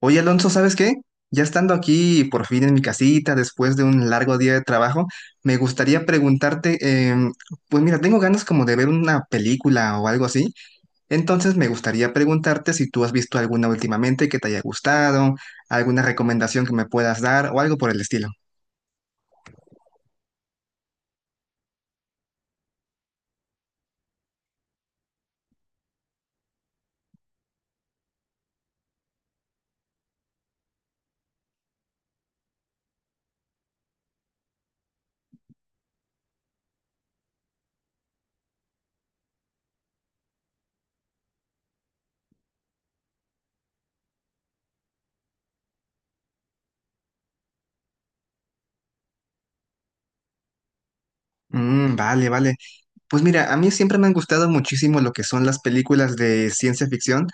Oye, Alonso, ¿sabes qué? Ya estando aquí por fin en mi casita, después de un largo día de trabajo, me gustaría preguntarte, em, pues mira, tengo ganas como de ver una película o algo así, entonces me gustaría preguntarte si tú has visto alguna últimamente que te haya gustado, alguna recomendación que me puedas dar o algo por el estilo. Mm, vale, vale. Pues mira, a mí siempre me han gustado muchísimo lo que son las películas de ciencia ficción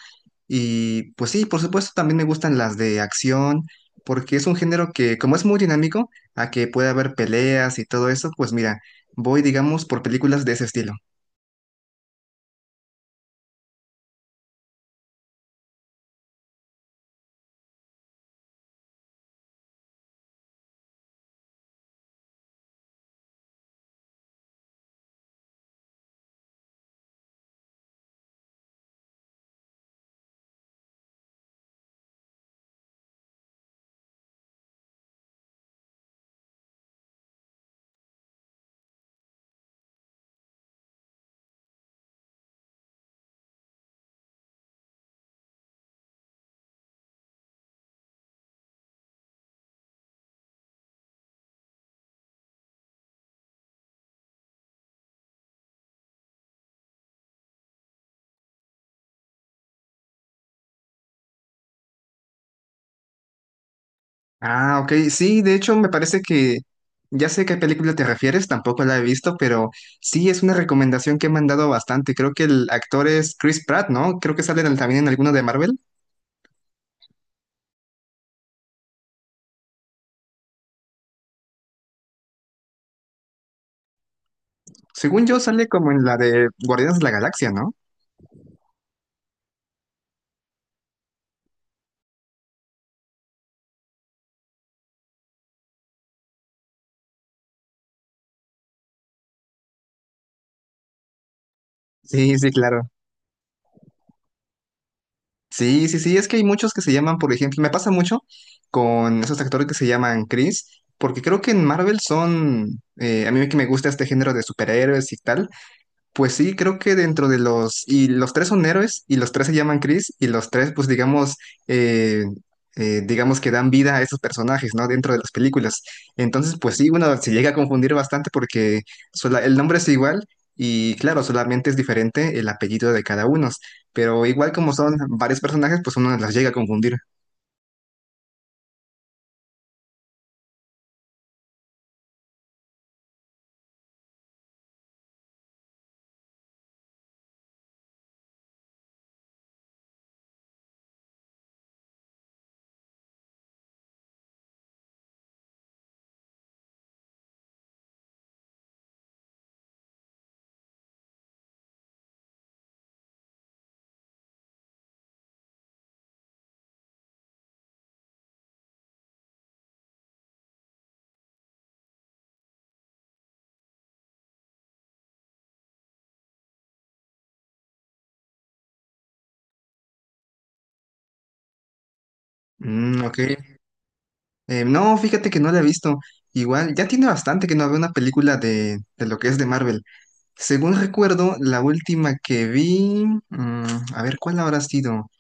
y pues sí, por supuesto también me gustan las de acción porque es un género que como es muy dinámico, a que puede haber peleas y todo eso, pues mira, voy digamos por películas de ese estilo. Ah, ok, sí, de hecho me parece que ya sé a qué película te refieres, tampoco la he visto, pero sí es una recomendación que me han dado bastante. Creo que el actor es Chris Pratt, ¿no? Creo que sale también en alguno de Marvel. Según yo, sale como en la de Guardianes de la Galaxia, ¿no? Sí, sí, claro. Sí, sí, sí, es que hay muchos que se llaman, por ejemplo, me pasa mucho con esos actores que se llaman Chris, porque creo que en Marvel son, a mí que me gusta este género de superhéroes y tal, pues sí, creo que dentro de los... Y los tres son héroes y los tres se llaman Chris y los tres, pues digamos, eh, digamos que dan vida a esos personajes, ¿no? Dentro de las películas. Entonces, pues sí, uno se llega a confundir bastante porque el nombre es igual y claro, solamente es diferente el apellido de cada uno. Pero igual como son varios personajes, pues uno las llega a confundir. Mm, ok. No, fíjate que no la he visto. Igual, ya tiene bastante que no veo una película de lo que es de Marvel. Según recuerdo, la última que vi, mm, a ver, ¿cuál habrá sido?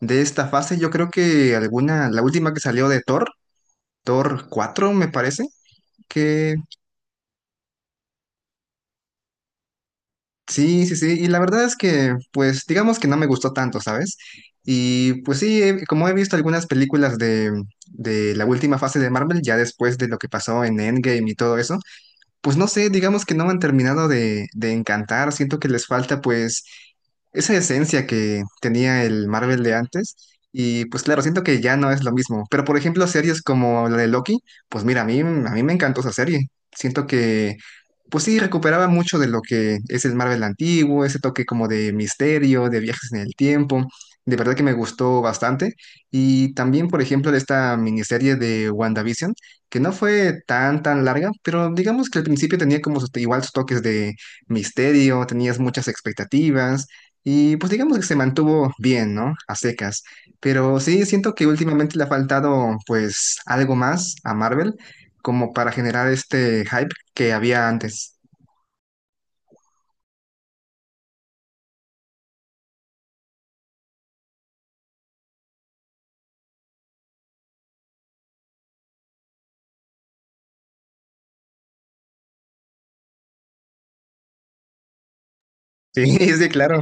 De esta fase, yo creo que alguna, la última que salió de Thor, Thor 4, me parece, que sí, sí, sí, y la verdad es que, pues, digamos que no me gustó tanto, ¿sabes? Y pues sí, como he visto algunas películas de la última fase de Marvel, ya después de lo que pasó en Endgame y todo eso, pues no sé, digamos que no me han terminado de encantar, siento que les falta pues esa esencia que tenía el Marvel de antes y pues claro, siento que ya no es lo mismo, pero por ejemplo series como la de Loki, pues mira, a mí me encantó esa serie, siento que pues sí, recuperaba mucho de lo que es el Marvel antiguo, ese toque como de misterio, de viajes en el tiempo. De verdad que me gustó bastante. Y también, por ejemplo, de esta miniserie de WandaVision que no fue tan, tan larga, pero digamos que al principio tenía como igual sus toques de misterio, tenías muchas expectativas y pues digamos que se mantuvo bien, ¿no? A secas. Pero sí, siento que últimamente le ha faltado pues algo más a Marvel como para generar este hype que había antes. Sí, sí, claro.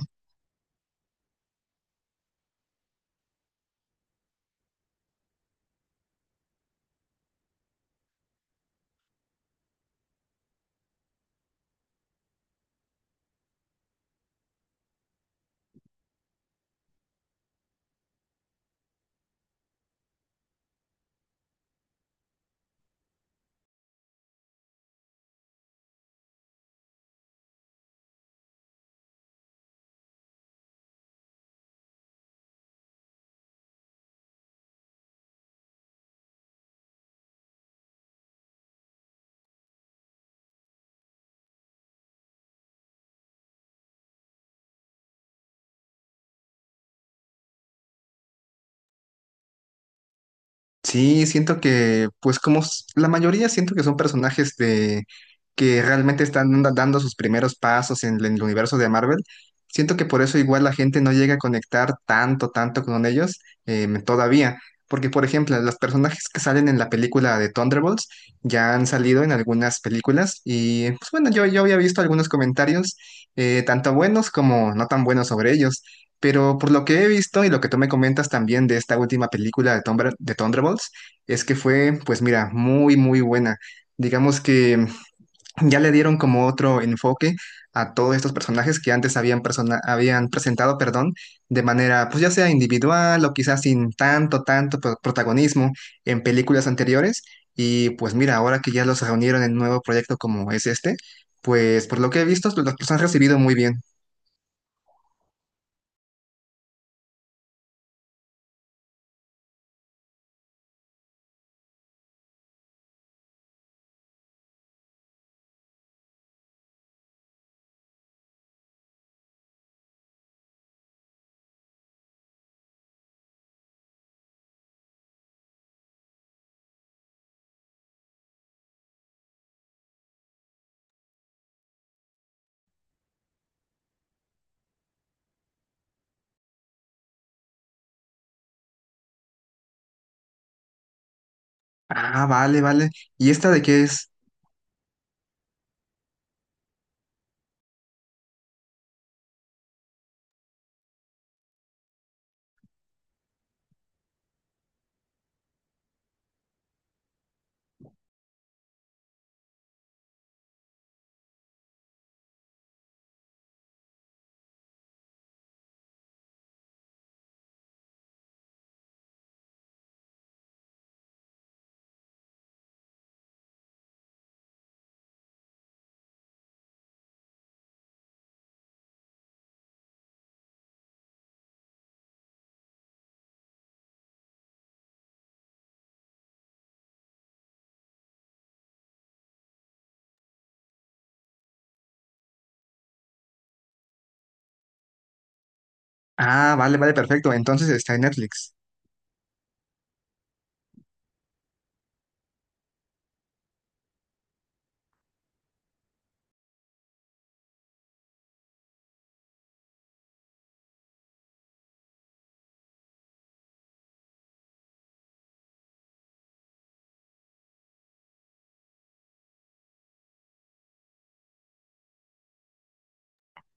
Sí, siento que, pues como la mayoría, siento que son personajes de que realmente están dando sus primeros pasos en el universo de Marvel. Siento que por eso igual la gente no llega a conectar tanto, tanto con ellos todavía. Porque, por ejemplo, los personajes que salen en la película de Thunderbolts ya han salido en algunas películas y, pues bueno, yo había visto algunos comentarios, tanto buenos como no tan buenos sobre ellos. Pero por lo que he visto y lo que tú me comentas también de esta última película de Thunderbolts, es que fue, pues mira, muy, muy buena. Digamos que ya le dieron como otro enfoque a todos estos personajes que antes habían presentado, perdón, de manera, pues ya sea individual o quizás sin tanto, tanto protagonismo en películas anteriores. Y pues mira, ahora que ya los reunieron en un nuevo proyecto como es este, pues por lo que he visto, los han recibido muy bien. Ah, vale, vale. ¿Y esta de qué es? Ah, vale, vale, perfecto. Entonces está en Netflix.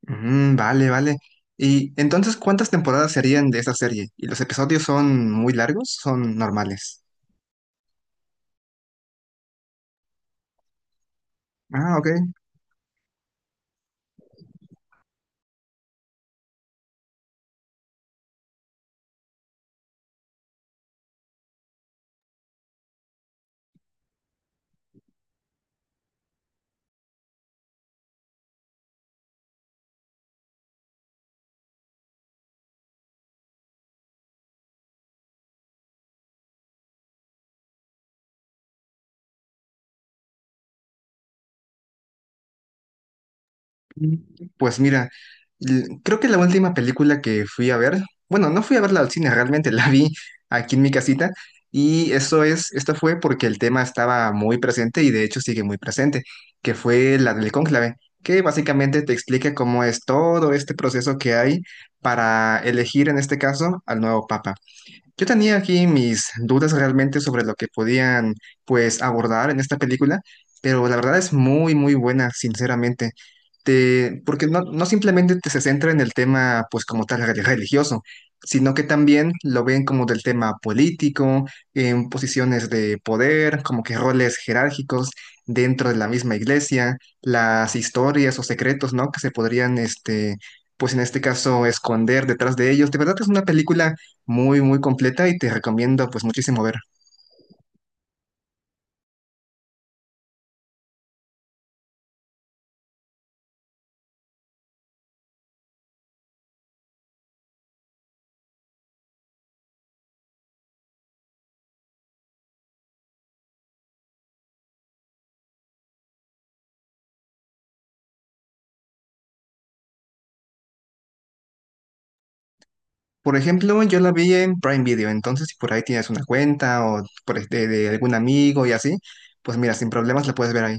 Mm, vale, vale. Y entonces, ¿cuántas temporadas serían de esta serie? ¿Y los episodios son muy largos? ¿Son normales? Ah, ok. Pues mira, creo que la última película que fui a ver, bueno, no fui a verla al cine, realmente la vi aquí en mi casita y eso es, esto fue porque el tema estaba muy presente y de hecho sigue muy presente, que fue la del cónclave, que básicamente te explica cómo es todo este proceso que hay para elegir en este caso al nuevo papa. Yo tenía aquí mis dudas realmente sobre lo que podían, pues, abordar en esta película, pero la verdad es muy, muy buena, sinceramente. Porque no, no simplemente te se centra en el tema, pues, como tal religioso, sino que también lo ven como del tema político, en posiciones de poder, como que roles jerárquicos dentro de la misma iglesia, las historias o secretos, ¿no? Que se podrían, pues en este caso, esconder detrás de ellos. De verdad es una película muy, muy completa y te recomiendo pues muchísimo ver. Por ejemplo, yo la vi en Prime Video, entonces si por ahí tienes una cuenta o de algún amigo y así, pues mira, sin problemas la puedes ver ahí.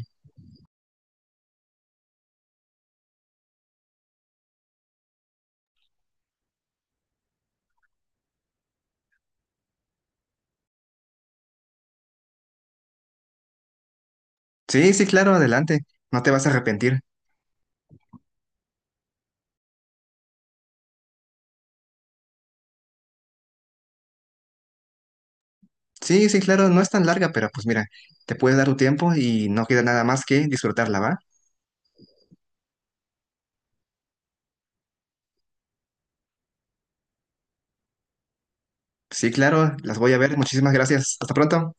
Sí, sí, claro, adelante, no te vas a arrepentir. Sí, sí, claro, no es tan larga, pero pues mira, te puedes dar tu tiempo y no queda nada más que disfrutarla, ¿va? Sí, claro, las voy a ver, muchísimas gracias. Hasta pronto.